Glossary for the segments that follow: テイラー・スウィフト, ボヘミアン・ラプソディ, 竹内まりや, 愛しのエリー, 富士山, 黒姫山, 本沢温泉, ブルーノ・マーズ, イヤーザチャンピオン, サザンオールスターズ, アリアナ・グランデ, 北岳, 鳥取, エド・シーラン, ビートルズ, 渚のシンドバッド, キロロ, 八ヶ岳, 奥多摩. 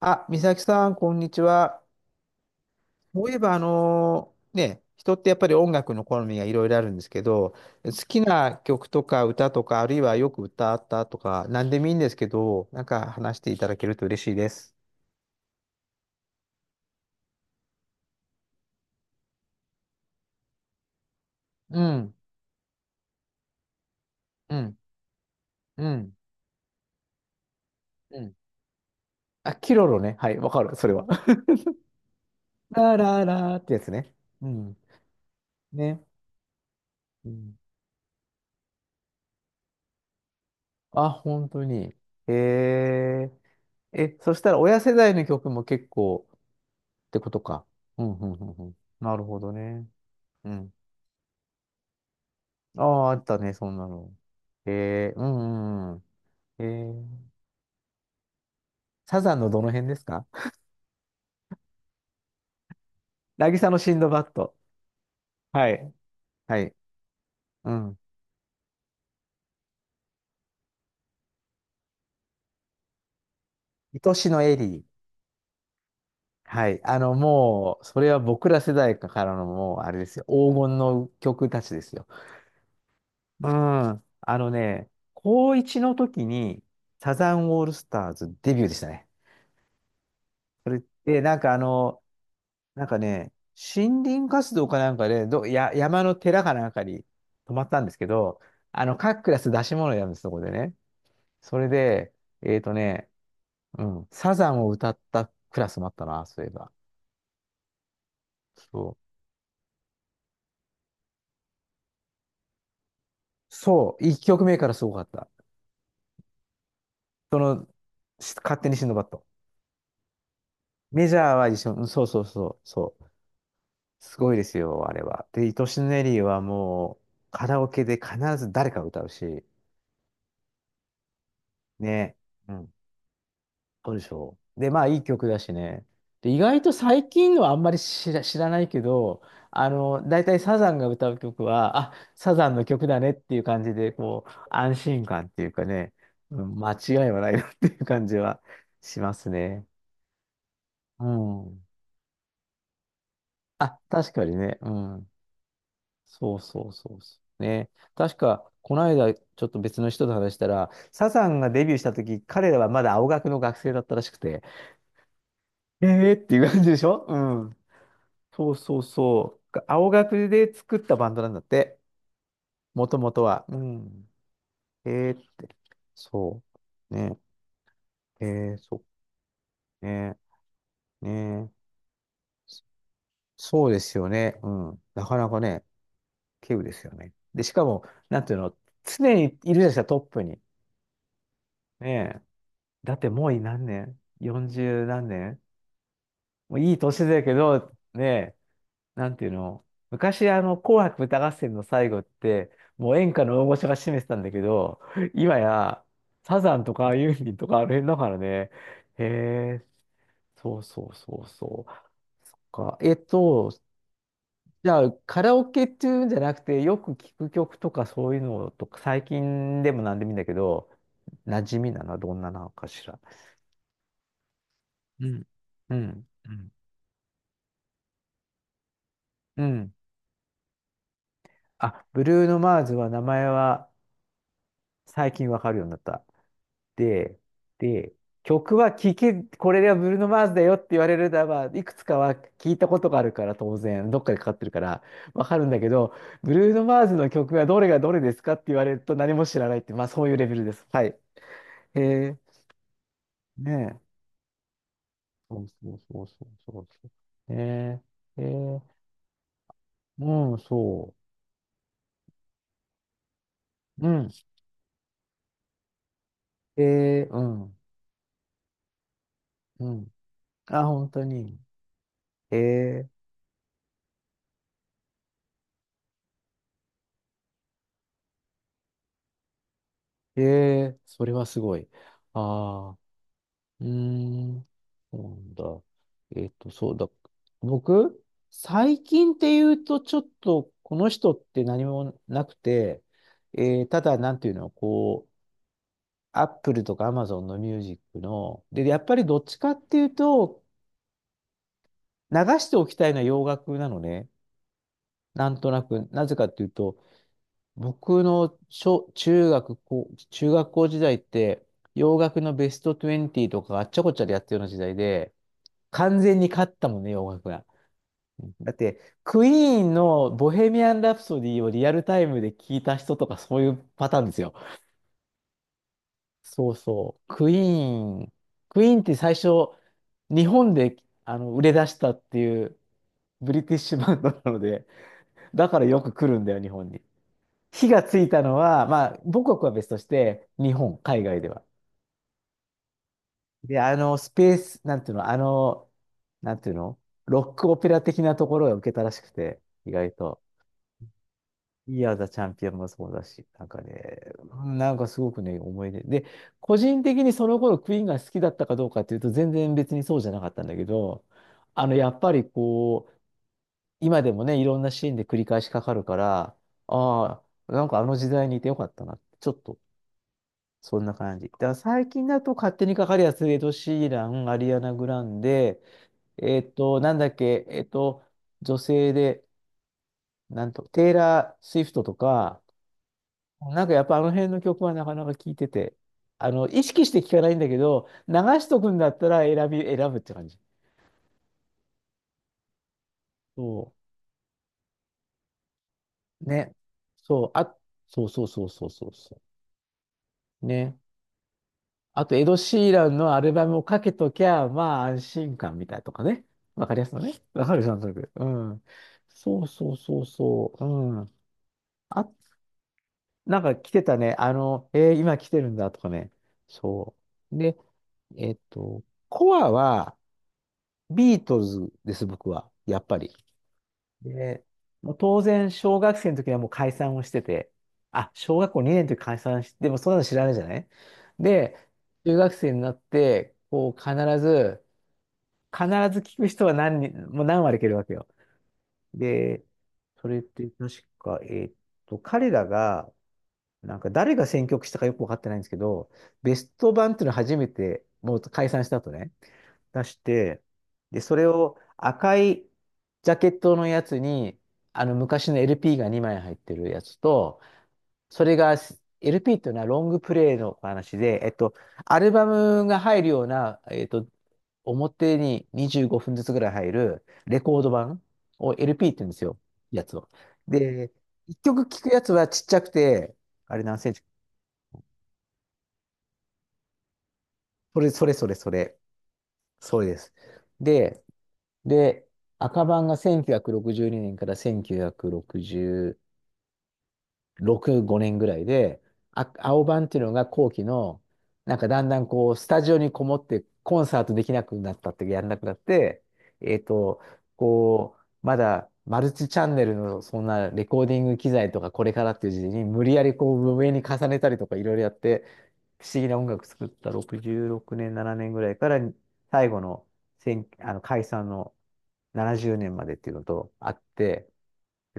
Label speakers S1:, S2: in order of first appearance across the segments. S1: あ、美咲さん、こんにちは。そういえば、人ってやっぱり音楽の好みがいろいろあるんですけど、好きな曲とか歌とか、あるいはよく歌ったとか、何でもいいんですけど、なんか話していただけると嬉しいです。うん、うん、うん、うん。あ、キロロね。はい、わかる、それは。ラララーってやつね。うん。ね。うん、あ、本当に。へえ。え、そしたら親世代の曲も結構ってことか。うん、うん、うん、うん。なるほどね。うん。ああ、あったね、そんなの。ええ、うんうんうん。ええ、サザンのどの辺ですか？ 渚のシンドバッド。はい。はい。うん。愛しのエリー。はい。あの、もう、それは僕ら世代からのもう、あれですよ。黄金の曲たちですよ。うん。あのね、高1の時に、サザンオールスターズデビューでしたね。で、なんかあの、なんかね、森林活動かなんかで、山の寺かなんかに泊まったんですけど、あの、各クラス出し物やるんです、そこでね。それで、えっとね、うん、サザンを歌ったクラスもあったな、そういえば。そう。そう、1曲目からすごかった。その、勝手にシンドバッド。メジャーは一緒、うんそうそうそう、そう。すごいですよ、あれは。で、いとしのエリーはもう、カラオケで必ず誰かが歌うし、ね。うん、そうでしょう。で、まあ、いい曲だしね。で、意外と最近のはあんまり知らないけど、あの、大体サザンが歌う曲は、あ、サザンの曲だねっていう感じで、こう、安心感っていうかね、うん、間違いはないなっていう感じはしますね。うん。あ、確かにね。うん。そうそうそうそう。ね。確か、この間、ちょっと別の人と話したら、サザンがデビューした時、彼らはまだ青学の学生だったらしくて、えーっていう感じでしょうん。そうそうそう。青学で作ったバンドなんだって。もともとは。うん。えー、そう。ね。えー、そう。ね。ね。そうですよね。うん。なかなかね、稀有ですよね。で、しかも、なんていうの、常にいるじゃないですか、トップに。ねえ。だってもう何年？ 40 何年、もういい年だけど、ねえ、なんていうの、昔、あの、紅白歌合戦の最後って、もう演歌の大御所が占めてたんだけど、今や、サザンとかユーミンとかあの辺だからね。へえ、そうそうそうそう。か、じゃあ、カラオケっていうんじゃなくて、よく聞く曲とかそういうのとか、最近でも何でもいいんだけど、馴染みなのはどんななのかしら。うん。うん。うん。うん。あ、ブルーノ・マーズは名前は最近わかるようになった。で、で、曲はこれがブルーノ・マーズだよって言われるならば、いくつかは聞いたことがあるから、当然、どっかでかかってるから、わかるんだけど、ブルーノ・マーズの曲がどれがどれですかって言われると何も知らないって、まあそういうレベルです。はい。へえ、ねえ。そうそうそうそうそうそう。ねえ、へえ、うん、そう。うん。へえ、うん、うん。あ、本当に。へえ、へえ、それはすごい。ああ。うーん。そうなんだ。そうだ。僕、最近っていうと、ちょっと、この人って何もなくて、ただ、なんていうの、こう、アップルとかアマゾンのミュージックの、で、やっぱりどっちかっていうと、流しておきたいのは洋楽なのね。なんとなく、なぜかっていうと、僕の中学校、中学校時代って、洋楽のベスト20とかあっちゃこっちゃでやってるような時代で、完全に勝ったもんね、洋楽が。だって、クイーンのボヘミアン・ラプソディをリアルタイムで聞いた人とかそういうパターンですよ。そうそう。クイーンって最初、日本であの売れ出したっていうブリティッシュバンドなので、だからよく来るんだよ、日本に。火がついたのは、まあ、母国は別として、日本、海外では。で、あの、スペース、なんていうの、あの、なんていうの、ロックオペラ的なところが受けたらしくて、意外と。イヤーザチャンピオンもそうだし、なんかね、うん、なんかすごくね、思い出。で、個人的にその頃クイーンが好きだったかどうかっていうと、全然別にそうじゃなかったんだけど、あの、やっぱりこう、今でもね、いろんなシーンで繰り返しかかるから、ああ、なんかあの時代にいてよかったな。ちょっと、そんな感じ。だから最近だと勝手にかかるやつ、エド・シーラン、アリアナ・グランデ、えっと、なんだっけ、えっと、女性で、なんと、テイラー・スウィフトとか、なんかやっぱあの辺の曲はなかなか聴いてて、あの、意識して聴かないんだけど、流しとくんだったら選ぶって感じ。そう。ね。そう。あ、そうそうそうそうそうそう。ね。あと、エド・シーランのアルバムをかけときゃ、まあ安心感みたいなとかね。わかりやすいのね。わかる、なんとなく。うん。そうそうそうそう。うん。なんか来てたね。あの、えー今来てるんだとかね。そう。で、えっと、コアは、ビートルズです、僕は。やっぱり。で、もう当然、小学生の時にはもう解散をしてて、あ、小学校2年の時解散して、でもそんなの知らないじゃない。で、中学生になって、こう、必ず聞く人は何人、もう何割いけるわけよ。で、それって確か、彼らが、なんか誰が選曲したかよくわかってないんですけど、ベスト版っていうのを初めて、もう解散した後ね、出して、で、それを赤いジャケットのやつに、あの昔の LP が2枚入ってるやつと、それが LP っていうのはロングプレイの話で、アルバムが入るような、表に25分ずつぐらい入るレコード版を LP って言うんですよ、やつを。で、一曲聴くやつはちっちゃくて、あれ何センチ、それ、それ、それ、それ、それです。で、で、赤版が1962年から1966、5年ぐらいで、あ、青版っていうのが後期の、なんかだんだんこう、スタジオにこもってコンサートできなくなったって、やんなくなって、えっと、こう、まだマルチチャンネルのそんなレコーディング機材とかこれからっていう時期に無理やりこう上に重ねたりとかいろいろやって、不思議な音楽作った66年、7年ぐらいから最後の、あの解散の、70年までっていうのとあって、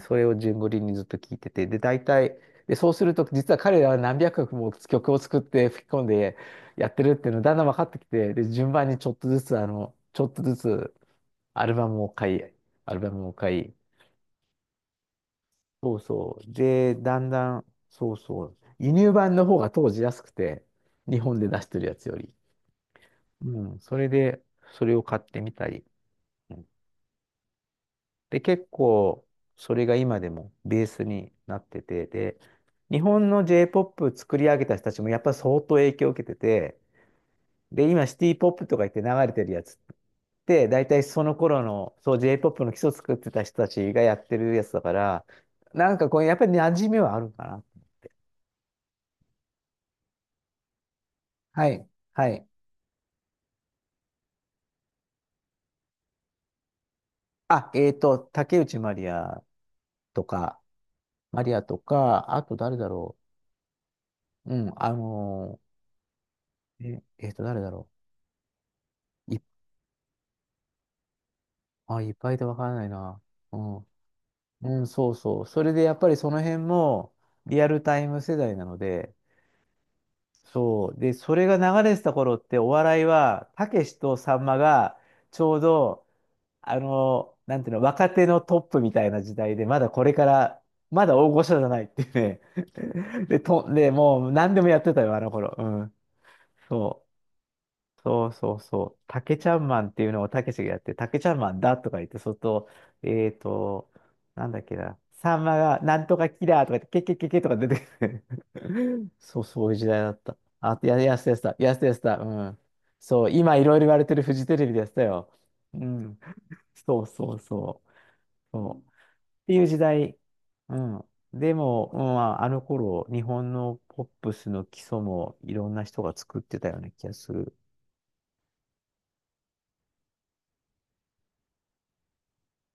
S1: それを順繰りにずっと聞いてて、で、大体、で、そうすると、実は彼らは何百曲も曲を作って吹き込んでやってるっていうのだんだん分かってきて、で、順番にちょっとずつ、あの、ちょっとずつアルバムを買い、アルバムを買い、そうそう。で、だんだん、そうそう。輸入版の方が当時安くて、日本で出してるやつより。うん、それで、それを買ってみたり。うん、で、結構、それが今でもベースになってて、で、日本の J-POP 作り上げた人たちもやっぱり相当影響を受けてて、で、今シティポップとか言って流れてるやつって、大体その頃の、そう J-POP の基礎作ってた人たちがやってるやつだから、なんかこう、やっぱり馴染みはあるかな。はい、はい。あ、竹内まりやとか、あと誰だろう。うん、え、誰だろう。あ、いっぱいいてわからないな。うん。うん、そうそう。それでやっぱりその辺もリアルタイム世代なので、そう。で、それが流れてた頃ってお笑いは、たけしとさんまがちょうど、あの、なんていうの、若手のトップみたいな時代で、まだこれから、まだ大御所じゃないっていうね。で、もう何でもやってたよ、あの頃。うん。そう。そうそうそう。タケちゃんマンっていうのをたけしがやって、タケちゃんマンだとか言って、そっと、えっと、なんだっけな、さんまがなんとかキラーとか言って、ケケケケとか出てくる。そう、そういう時代だった。あと、やすてやすた、うん。そう、今いろいろ言われてるフジテレビでやってたよ。うん。そうそうそう。そう。っていう時代。うん。でも、うん、まああの頃、日本のポップスの基礎もいろんな人が作ってたような気がする。